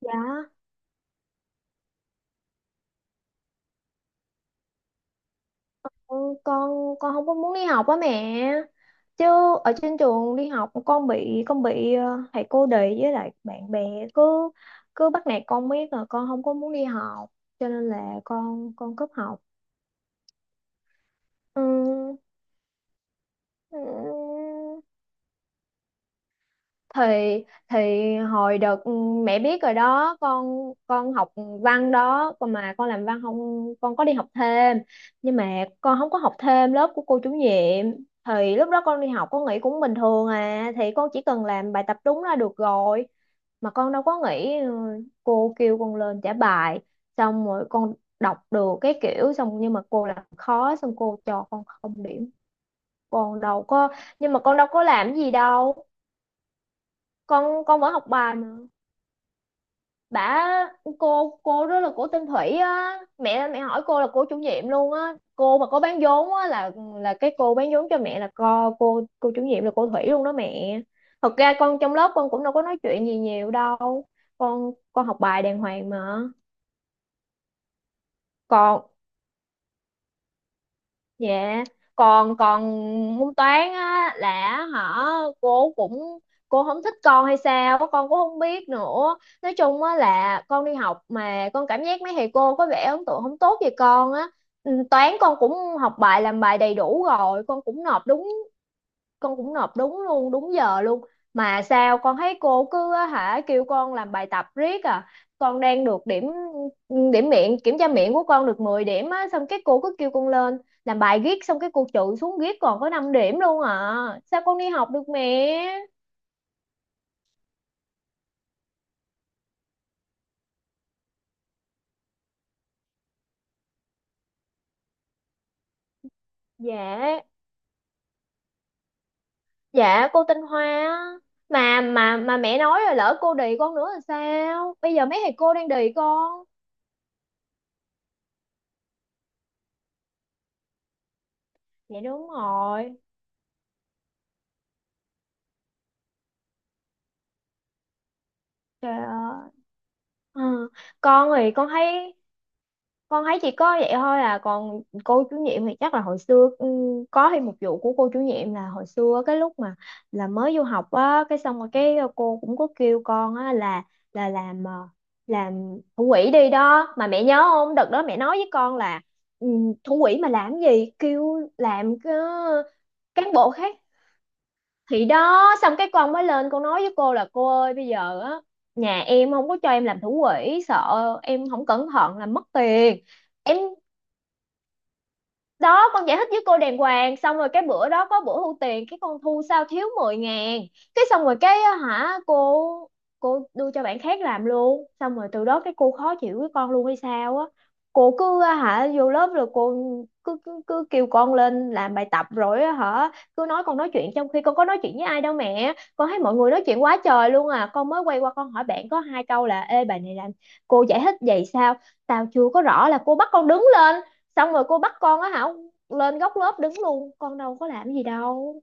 Dạ, ừ, con con không có muốn đi học á mẹ. Chứ ở trên trường đi học con bị thầy cô đì với lại bạn bè cứ cứ bắt nạt con biết là con không có muốn đi học cho nên là con cúp học. Ừ, ừ. thì thì hồi đợt mẹ biết rồi đó con học văn đó, còn mà con làm văn không, con có đi học thêm nhưng mà con không có học thêm lớp của cô chủ nhiệm, thì lúc đó con đi học con nghĩ cũng bình thường à, thì con chỉ cần làm bài tập đúng là được rồi mà con đâu có nghĩ cô kêu con lên trả bài, xong rồi con đọc được cái kiểu xong nhưng mà cô làm khó xong cô cho con không điểm. Con đâu có Nhưng mà con đâu có làm gì đâu, con vẫn học bài mà. Bà cô cô đó là cổ tên Thủy á mẹ, mẹ hỏi cô là cô chủ nhiệm luôn á, cô mà có bán vốn á là cái cô bán vốn cho mẹ là co cô chủ nhiệm là cô Thủy luôn đó mẹ. Thật ra con trong lớp con cũng đâu có nói chuyện gì nhiều đâu, con học bài đàng hoàng mà. Còn, Dạ, còn còn môn toán á là hả, cô cũng cô không thích con hay sao á, con cũng không biết nữa. Nói chung á là con đi học mà con cảm giác mấy thầy cô có vẻ ấn tượng không tốt về con á. Ừ, Toán con cũng học bài làm bài đầy đủ rồi, con cũng nộp đúng luôn đúng giờ luôn, mà sao con thấy cô cứ á hả kêu con làm bài tập riết à, con đang được điểm điểm miệng, kiểm tra miệng của con được 10 điểm á, xong cái cô cứ kêu con lên làm bài riết, xong cái cô trừ xuống riết còn có 5 điểm luôn à, sao con đi học được mẹ. Dạ dạ, cô tinh Hoa á. Mà mẹ nói rồi, lỡ cô đì con nữa là sao, bây giờ mấy thầy cô đang đì con. Dạ đúng rồi. Trời ơi. Ừ. Con thì con thấy chỉ có vậy thôi à, còn cô chủ nhiệm thì chắc là hồi xưa có thêm một vụ của cô chủ nhiệm là hồi xưa cái lúc mà là mới vô học á, cái xong rồi cái cô cũng có kêu con á là làm làm thủ quỹ đi đó mà, mẹ nhớ không, đợt đó mẹ nói với con là ừ, thủ quỹ mà làm cái gì, kêu làm cái cán bộ khác, thì đó xong cái con mới lên con nói với cô là cô ơi bây giờ á, nhà em không có cho em làm thủ quỹ, sợ em không cẩn thận là mất tiền em. Đó con giải thích với cô đàng hoàng, xong rồi cái bữa đó có bữa thu tiền, cái con thu sao thiếu 10.000, cái xong rồi cái á hả cô đưa cho bạn khác làm luôn, xong rồi từ đó cái cô khó chịu với con luôn hay sao á, cô cứ á hả vô lớp rồi cô cứ cứ, cứ kêu con lên làm bài tập, rồi á hả cứ nói con nói chuyện trong khi con có nói chuyện với ai đâu mẹ, con thấy mọi người nói chuyện quá trời luôn à, con mới quay qua con hỏi bạn có hai câu là ê bài này làm cô giải thích vậy sao tao chưa có rõ, là cô bắt con đứng lên, xong rồi cô bắt con á hả lên góc lớp đứng luôn, con đâu có làm gì đâu.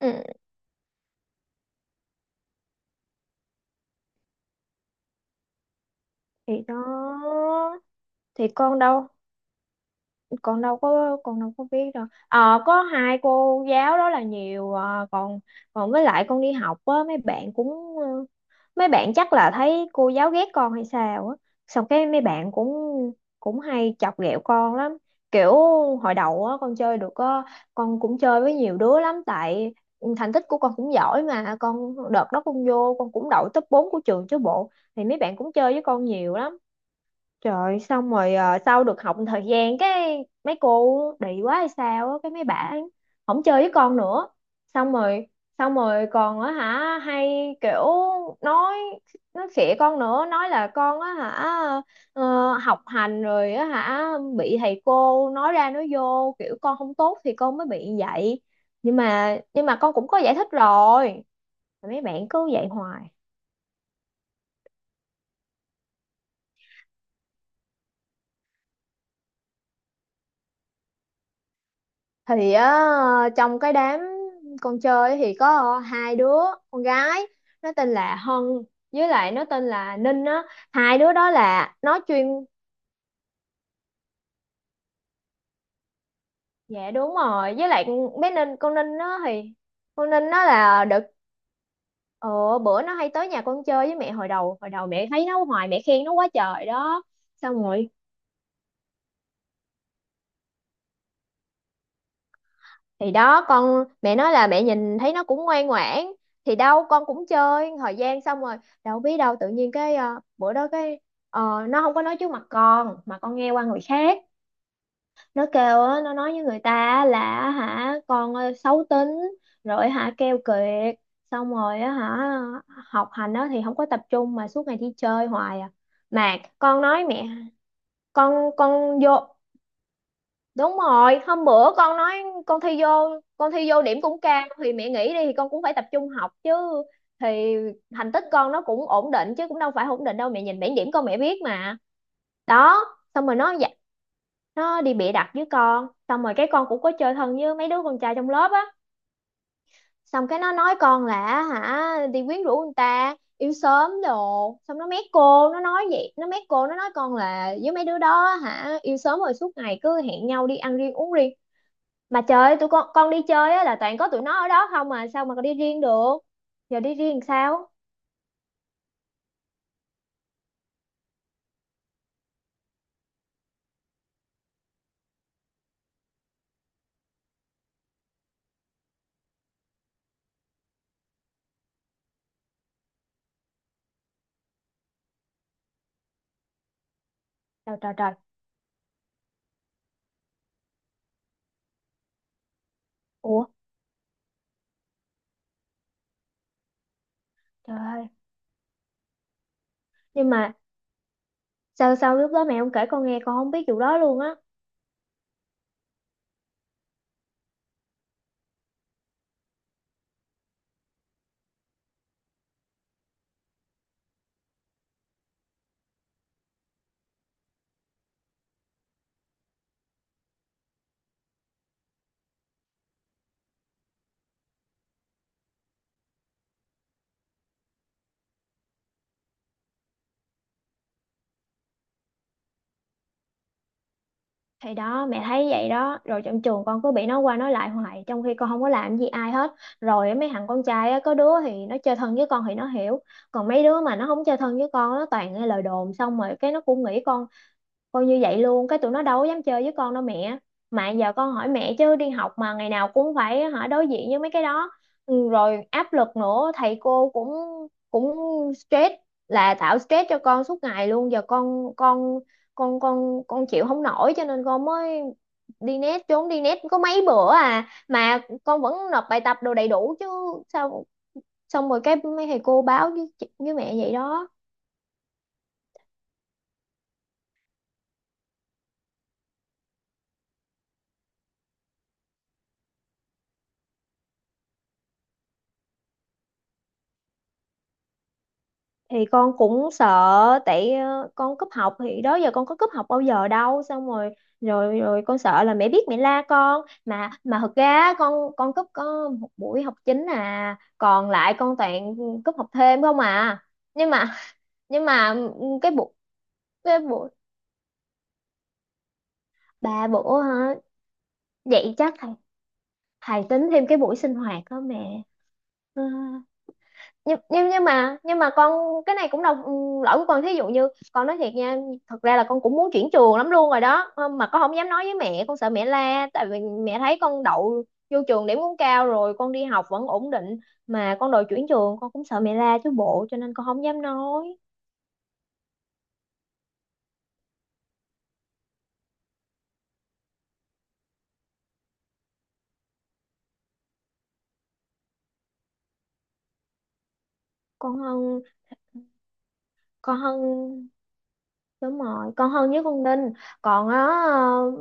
Ừ thì đó, thì con đâu có biết đâu, có hai cô giáo đó là nhiều à, còn còn với lại con đi học á mấy bạn cũng mấy bạn chắc là thấy cô giáo ghét con hay sao á, xong cái mấy bạn cũng cũng hay chọc ghẹo con lắm, kiểu hồi đầu á con cũng chơi với nhiều đứa lắm, tại thành tích của con cũng giỏi mà, con đợt đó con vô con cũng đậu top 4 của trường chứ bộ, thì mấy bạn cũng chơi với con nhiều lắm. Trời ơi, xong rồi sau được học một thời gian cái mấy cô đị quá hay sao á, cái mấy bả không chơi với con nữa. Xong rồi xong rồi còn á hả hay kiểu nói nói khịa con nữa, nói là con á hả ờ, học hành rồi á hả bị thầy cô nói ra nói vô, kiểu con không tốt thì con mới bị vậy. Nhưng mà con cũng có giải thích rồi. Mấy bạn cứ vậy hoài. Thì á, trong cái đám con chơi ấy thì có hai đứa con gái, nó tên là Hân với lại nó tên là Ninh á, hai đứa đó là nó chuyên. Dạ đúng rồi, với lại bé Ninh, con Ninh nó là đợt ờ, bữa nó hay tới nhà con chơi với mẹ, hồi đầu mẹ thấy nó hoài mẹ khen nó quá trời đó. Xong rồi thì đó mẹ nói là mẹ nhìn thấy nó cũng ngoan ngoãn, thì đâu con cũng chơi thời gian, xong rồi đâu biết đâu tự nhiên cái bữa đó cái ờ, nó không có nói trước mặt con mà con nghe qua người khác, nó kêu á, nó nói với người ta á là á hả con xấu tính rồi hả keo kiệt, xong rồi á hả học hành á thì không có tập trung mà suốt ngày đi chơi hoài à. Mà con nói mẹ, con vô đúng rồi hôm bữa con nói con thi vô con thi vô điểm cũng cao, thì mẹ nghĩ đi thì con cũng phải tập trung học chứ, thì thành tích con nó cũng ổn định chứ, cũng đâu phải ổn định đâu, mẹ nhìn bảng điểm con mẹ biết mà đó. Xong rồi nó đi bịa đặt với con, xong rồi cái con cũng có chơi thân với mấy đứa con trai trong lớp á, xong cái nó nói con là hả đi quyến rũ người ta yêu sớm đồ, xong nó mét cô, nó nói vậy, nó mét cô nó nói con là với mấy đứa đó hả yêu sớm rồi suốt ngày cứ hẹn nhau đi ăn riêng uống riêng. Mà trời ơi, tụi con đi chơi á là toàn có tụi nó ở đó không à, sao mà con đi riêng được, giờ đi riêng sao. Trời trời trời. Ủa trời ơi, nhưng mà sao sao lúc đó mẹ không kể con nghe, con không biết vụ đó luôn á. Thì đó mẹ thấy vậy đó, rồi trong trường con cứ bị nói qua nói lại hoài trong khi con không có làm gì ai hết, rồi á, mấy thằng con trai á có đứa thì nó chơi thân với con thì nó hiểu, còn mấy đứa mà nó không chơi thân với con nó toàn nghe lời đồn, xong rồi cái nó cũng nghĩ con coi như vậy luôn, cái tụi nó đâu có dám chơi với con đâu mẹ. Mà giờ con hỏi mẹ chứ đi học mà ngày nào cũng phải hả đối diện với mấy cái đó. Ừ, rồi áp lực nữa, thầy cô cũng cũng stress, là tạo stress cho con suốt ngày luôn. Giờ con chịu không nổi cho nên con mới đi net, trốn đi net có mấy bữa à, mà con vẫn nộp bài tập đồ đầy đủ chứ sao, xong rồi cái mấy thầy cô báo với với mẹ vậy đó. Thì con cũng sợ tại con cúp học, thì đó giờ con có cúp học bao giờ đâu, xong rồi rồi rồi con sợ là mẹ biết mẹ la con, mà thật ra á, con cúp có một buổi học chính à, còn lại con toàn cúp học thêm không à. Nhưng mà nhưng mà cái buổi, cái buổi ba bữa hả? Vậy chắc thầy thầy tính thêm cái buổi sinh hoạt đó mẹ. Ờ. Nhưng mà con cái này cũng đâu lỗi của con, thí dụ như con nói thiệt nha, thật ra là con cũng muốn chuyển trường lắm luôn rồi đó. Mà con không dám nói với mẹ, con sợ mẹ la tại vì mẹ thấy con đậu vô trường điểm cũng cao rồi, con đi học vẫn ổn định mà con đòi chuyển trường, con cũng sợ mẹ la chứ bộ, cho nên con không dám nói. Con hân con hân Đúng rồi, con Hân với con Đinh. Còn á,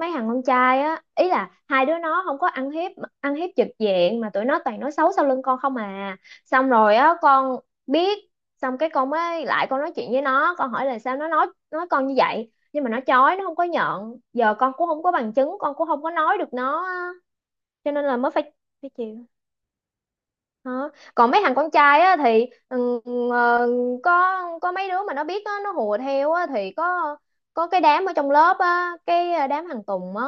mấy thằng con trai á, ý là hai đứa nó không có ăn hiếp, ăn hiếp trực diện mà tụi nó toàn nói xấu sau lưng con không à. Xong rồi á con biết, xong cái con mới lại con nói chuyện với nó, con hỏi là sao nó nói con như vậy, nhưng mà nó chối, nó không có nhận. Giờ con cũng không có bằng chứng, con cũng không có nói được nó á. Cho nên là mới phải, phải chịu. Đó. Còn mấy thằng con trai á thì ờ, có có mấy đứa mà nó biết á, nó hùa theo á thì có cái đám ở trong lớp á, đám thằng Tùng á,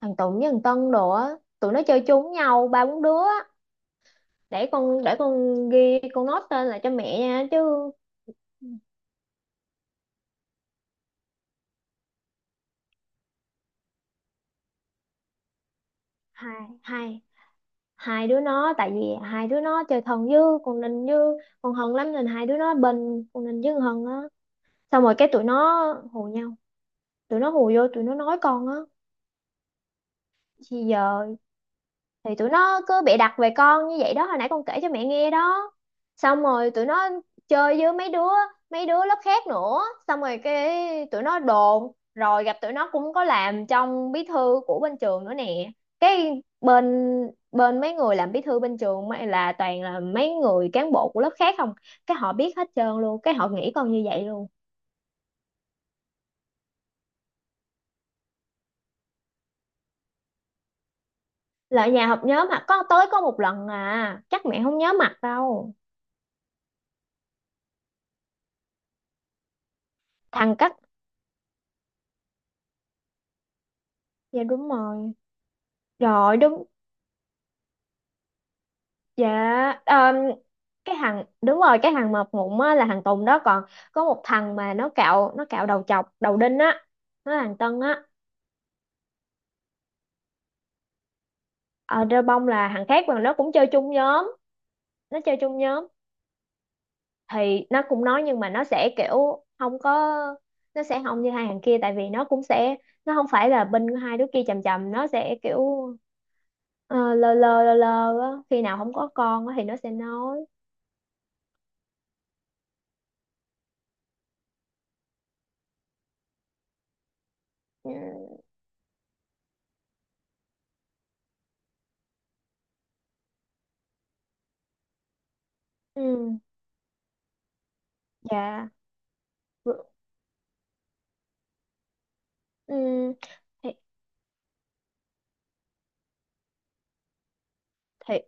thằng Tùng với thằng Tân đồ á, tụi nó chơi chung với nhau ba bốn đứa á. Để con ghi con nốt tên lại cho mẹ nha chứ. Hai hai hai đứa nó, tại vì hai đứa nó chơi thân với con Ninh với con Hân lắm nên hai đứa nó bên con Ninh với con Hân á. Xong rồi cái tụi nó hù nhau, tụi nó hù vô, tụi nó nói con á. Giờ thì tụi nó cứ bịa đặt về con như vậy đó, hồi nãy con kể cho mẹ nghe đó, xong rồi tụi nó chơi với mấy đứa lớp khác nữa, xong rồi cái tụi nó đồn, rồi gặp tụi nó cũng có làm trong bí thư của bên trường nữa nè, cái bên bên mấy người làm bí thư bên trường, là toàn là mấy người cán bộ của lớp khác không, cái họ biết hết trơn luôn, cái họ nghĩ con như vậy luôn. Là nhà họp nhóm mà có tới có một lần à, chắc mẹ không nhớ mặt đâu. Thằng cắt, dạ đúng rồi, rồi đúng. Dạ, cái thằng đúng rồi, cái thằng mập mụn á là thằng Tùng đó, còn có một thằng mà nó cạo đầu, chọc đầu đinh á, nó là thằng Tân á. Ở Rêu Bông là thằng khác mà nó cũng chơi chung nhóm, nó chơi chung nhóm thì nó cũng nói, nhưng mà nó sẽ kiểu không có, nó sẽ không như hai thằng kia, tại vì nó cũng sẽ, nó không phải là bên hai đứa kia chầm chầm, nó sẽ kiểu ờ, lơ lơ á, khi nào không có con á thì nó sẽ nói. Ừ, ừ, dạ. Ừ, ừ. Thì, thì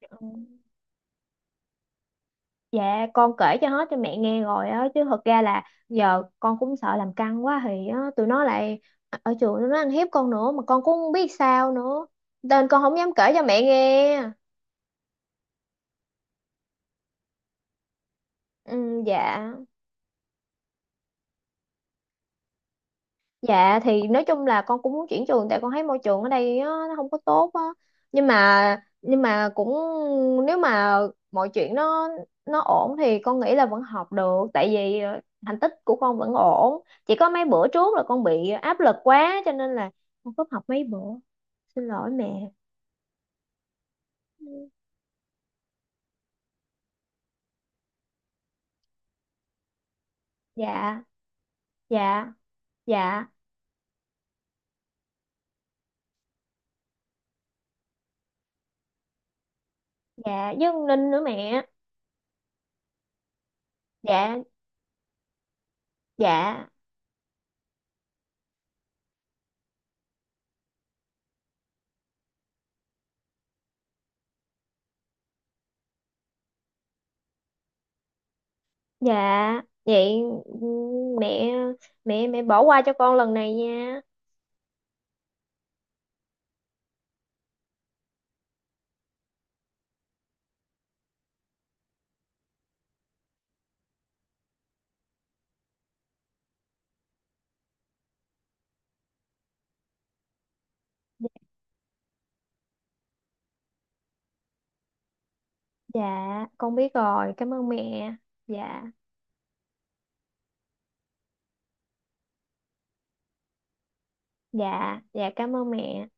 Ừ. Dạ con kể cho hết cho mẹ nghe rồi á, chứ thật ra là giờ con cũng sợ làm căng quá thì á, tụi nó lại ở trường tụi nó ăn hiếp con nữa mà con cũng không biết sao nữa, nên con không dám kể cho mẹ nghe. Ừ, dạ. Dạ thì nói chung là con cũng muốn chuyển trường, tại con thấy môi trường ở đây á, nó không có tốt á. Nhưng mà nhưng mà cũng, nếu mà mọi chuyện nó ổn thì con nghĩ là vẫn học được, tại vì thành tích của con vẫn ổn. Chỉ có mấy bữa trước là con bị áp lực quá cho nên là con cúp học mấy bữa. Xin lỗi mẹ. Dạ, dạ, dạ, dạ với con Linh nữa mẹ. Dạ, dạ, dạ. Vậy ừ, mẹ mẹ mẹ bỏ qua cho con lần này nha. Dạ, dạ, con biết rồi, cảm ơn mẹ. Dạ, dạ, dạ cảm ơn mẹ.